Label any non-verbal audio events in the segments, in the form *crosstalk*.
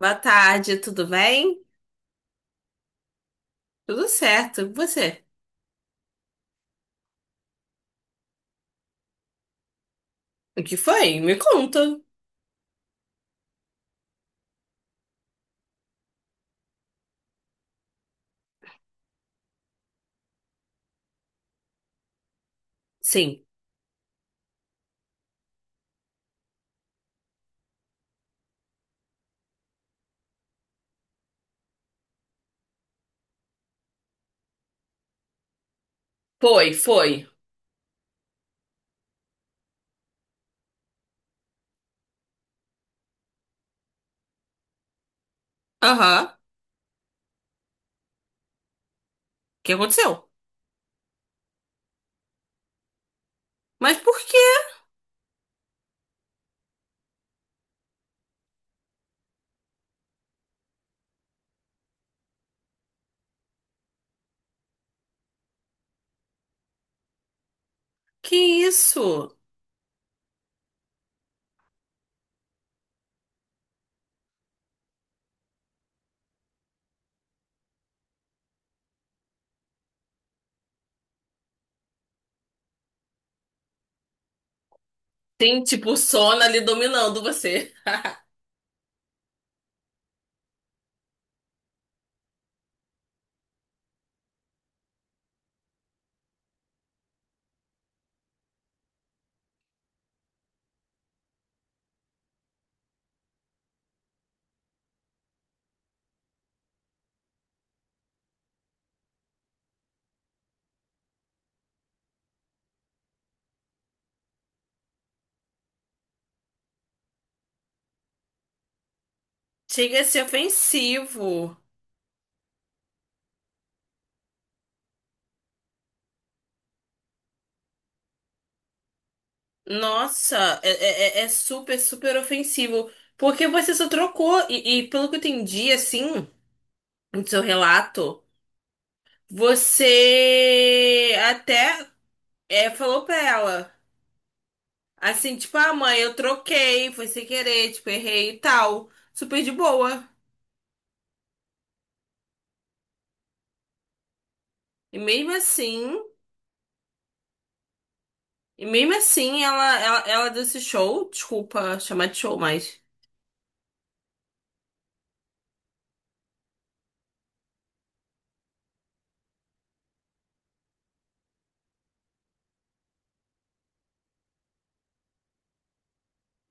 Boa tarde, tudo bem? Tudo certo. E você? O que foi? Me conta. Sim. Foi, foi. Aham. O que aconteceu? Mas por quê? Que isso? Tem tipo o sono ali dominando você. *laughs* Chega a ser ofensivo. Nossa, é, é- é- é super, super ofensivo. Porque você só trocou. E pelo que eu entendi, assim, no seu relato, você até é, falou pra ela. Assim, tipo, ah, mãe, eu troquei, foi sem querer, tipo, errei e tal. Super de boa. E mesmo assim, e mesmo assim, ela deu esse show. Desculpa chamar de show, mas.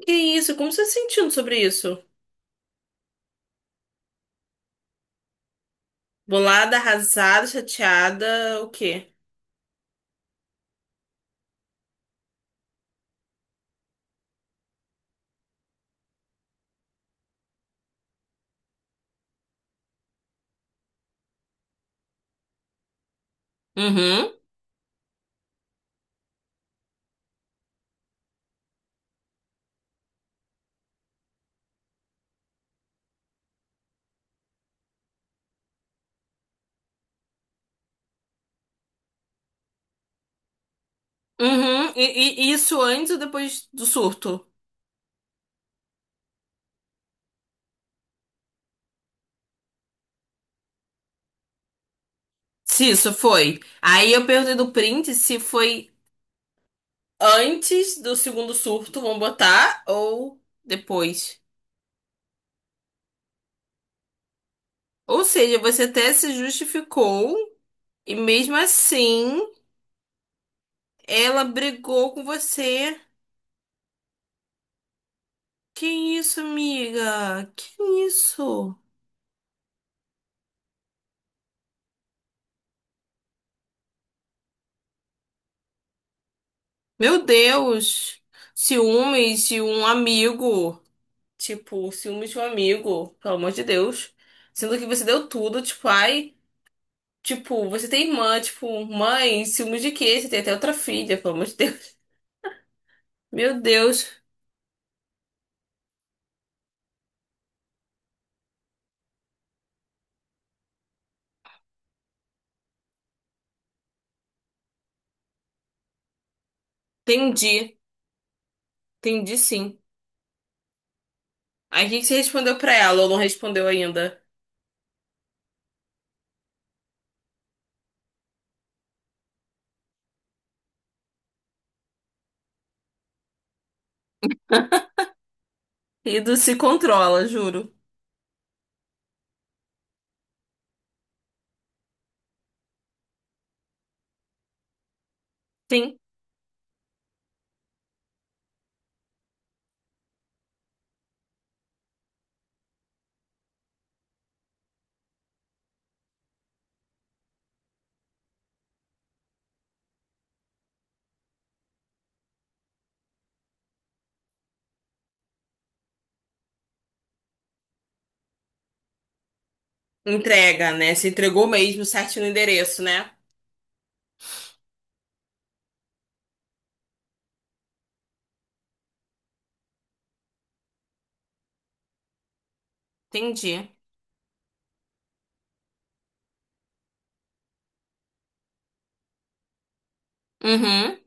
Que isso? Como você tá se sentindo sobre isso? Bolada, arrasada, chateada, o quê? Uhum, uhum. E isso antes ou depois do surto? Se isso foi. Aí eu perguntei do print se foi antes do segundo surto, vamos botar, ou depois. Ou seja, você até se justificou e mesmo assim ela brigou com você. Que isso, amiga? Que isso? Meu Deus! Ciúmes de um amigo. Tipo, ciúmes de um amigo, pelo amor de Deus. Sendo que você deu tudo, tipo, ai. Tipo, você tem irmã, tipo, mãe, ciúmes de quê? Você tem até outra filha, pelo amor de Deus. Meu Deus, entendi, entendi sim. Aí o que que você respondeu pra ela ou não respondeu ainda? Ido se controla, juro. Sim. Entrega, né? Se entregou mesmo, certo no endereço, né? Entendi. Uhum,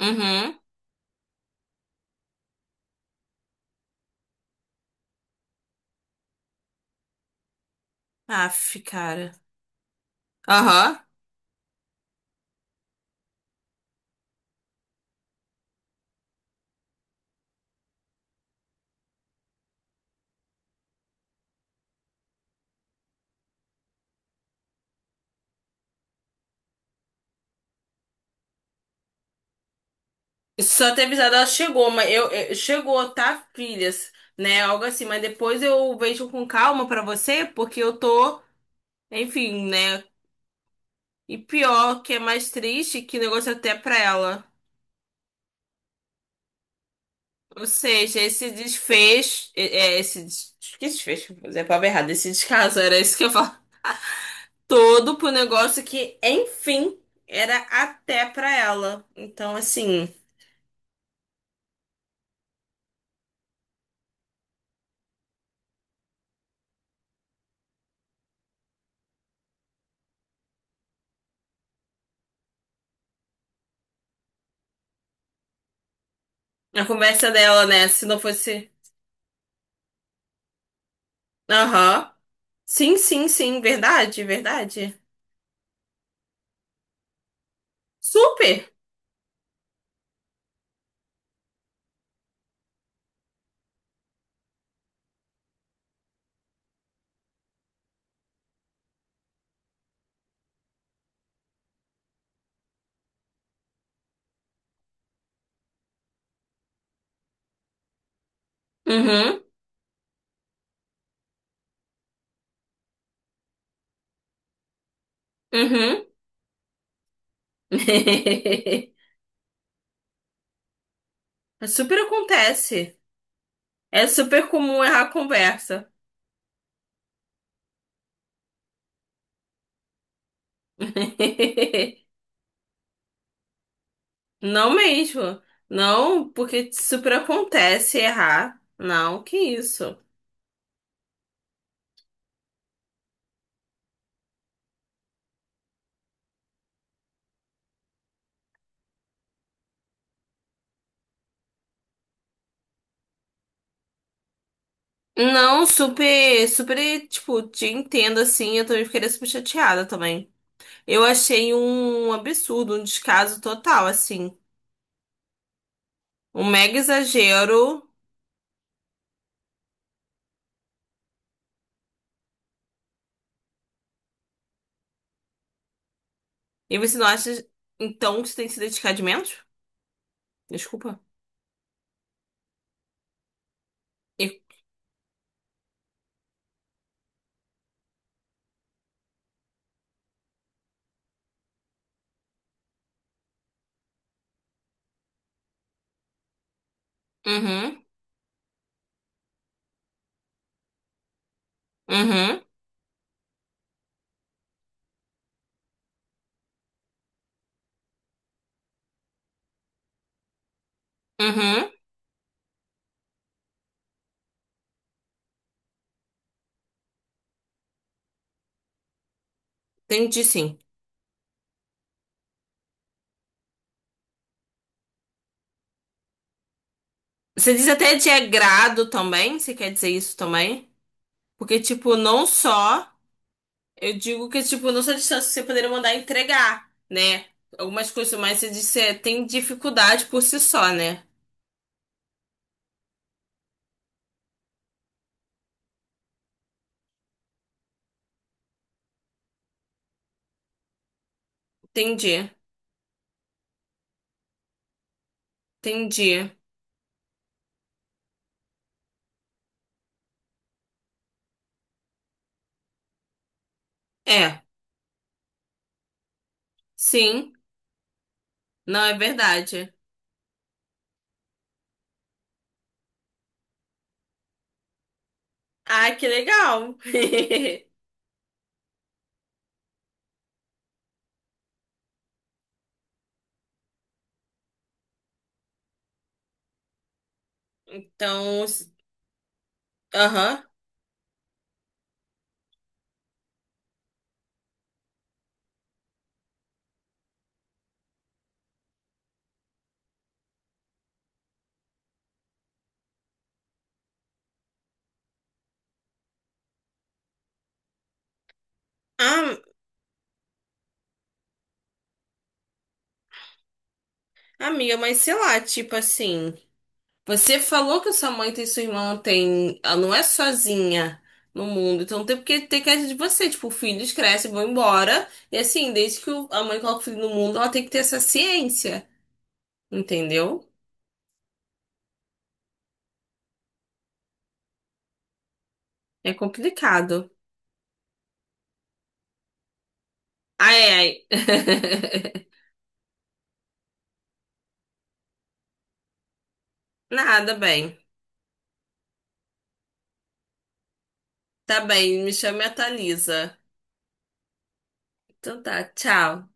uhum. Aff, cara. Aham. Só ter avisado, ela chegou, mas chegou, tá, filhas, né? Algo assim, mas depois eu vejo com calma pra você, porque eu tô, enfim, né? E pior, que é mais triste, que o negócio é até pra ela. Ou seja, esse desfecho, é, é, que desfecho, é a palavra errada, esse descaso, era isso que eu falo. Todo pro negócio que, enfim, era até pra ela. Então, assim, a conversa dela, né? Se não fosse. Aham. Sim, sim, sim. Verdade, verdade. Super. Uhum, uhum. *laughs* Super acontece. É super comum errar a conversa. *laughs* Não mesmo. Não, porque super acontece errar. Não, que isso. Não, super, super, tipo, te entendo assim. Eu também ficaria super chateada também. Eu achei um absurdo, um descaso total, assim. Um mega exagero. E você não acha, então, que você tem que se dedicar de menos? Desculpa. E- Uhum, uhum, uhum. Entendi, sim. Você diz até de agrado também? Você quer dizer isso também? Porque, tipo, não só. Eu digo que, tipo, não só distância que você poderia mandar entregar, né? Algumas coisas, mas você disse, é, tem dificuldade por si só, né? Entendi, entendi. É, sim, não é verdade. Ah, que legal. *laughs* Então, s- aham. Ah, amiga, mas sei lá, tipo assim. Você falou que sua mãe tem sua irmã tem, ela não é sozinha no mundo, então não tem porque ter queda de você, tipo, filhos crescem, vão embora, e assim, desde que a mãe coloca o filho no mundo, ela tem que ter essa ciência, entendeu? É complicado. Ai, ai. *laughs* Nada, bem. Tá bem, me chama e atualiza. Então tá, tchau.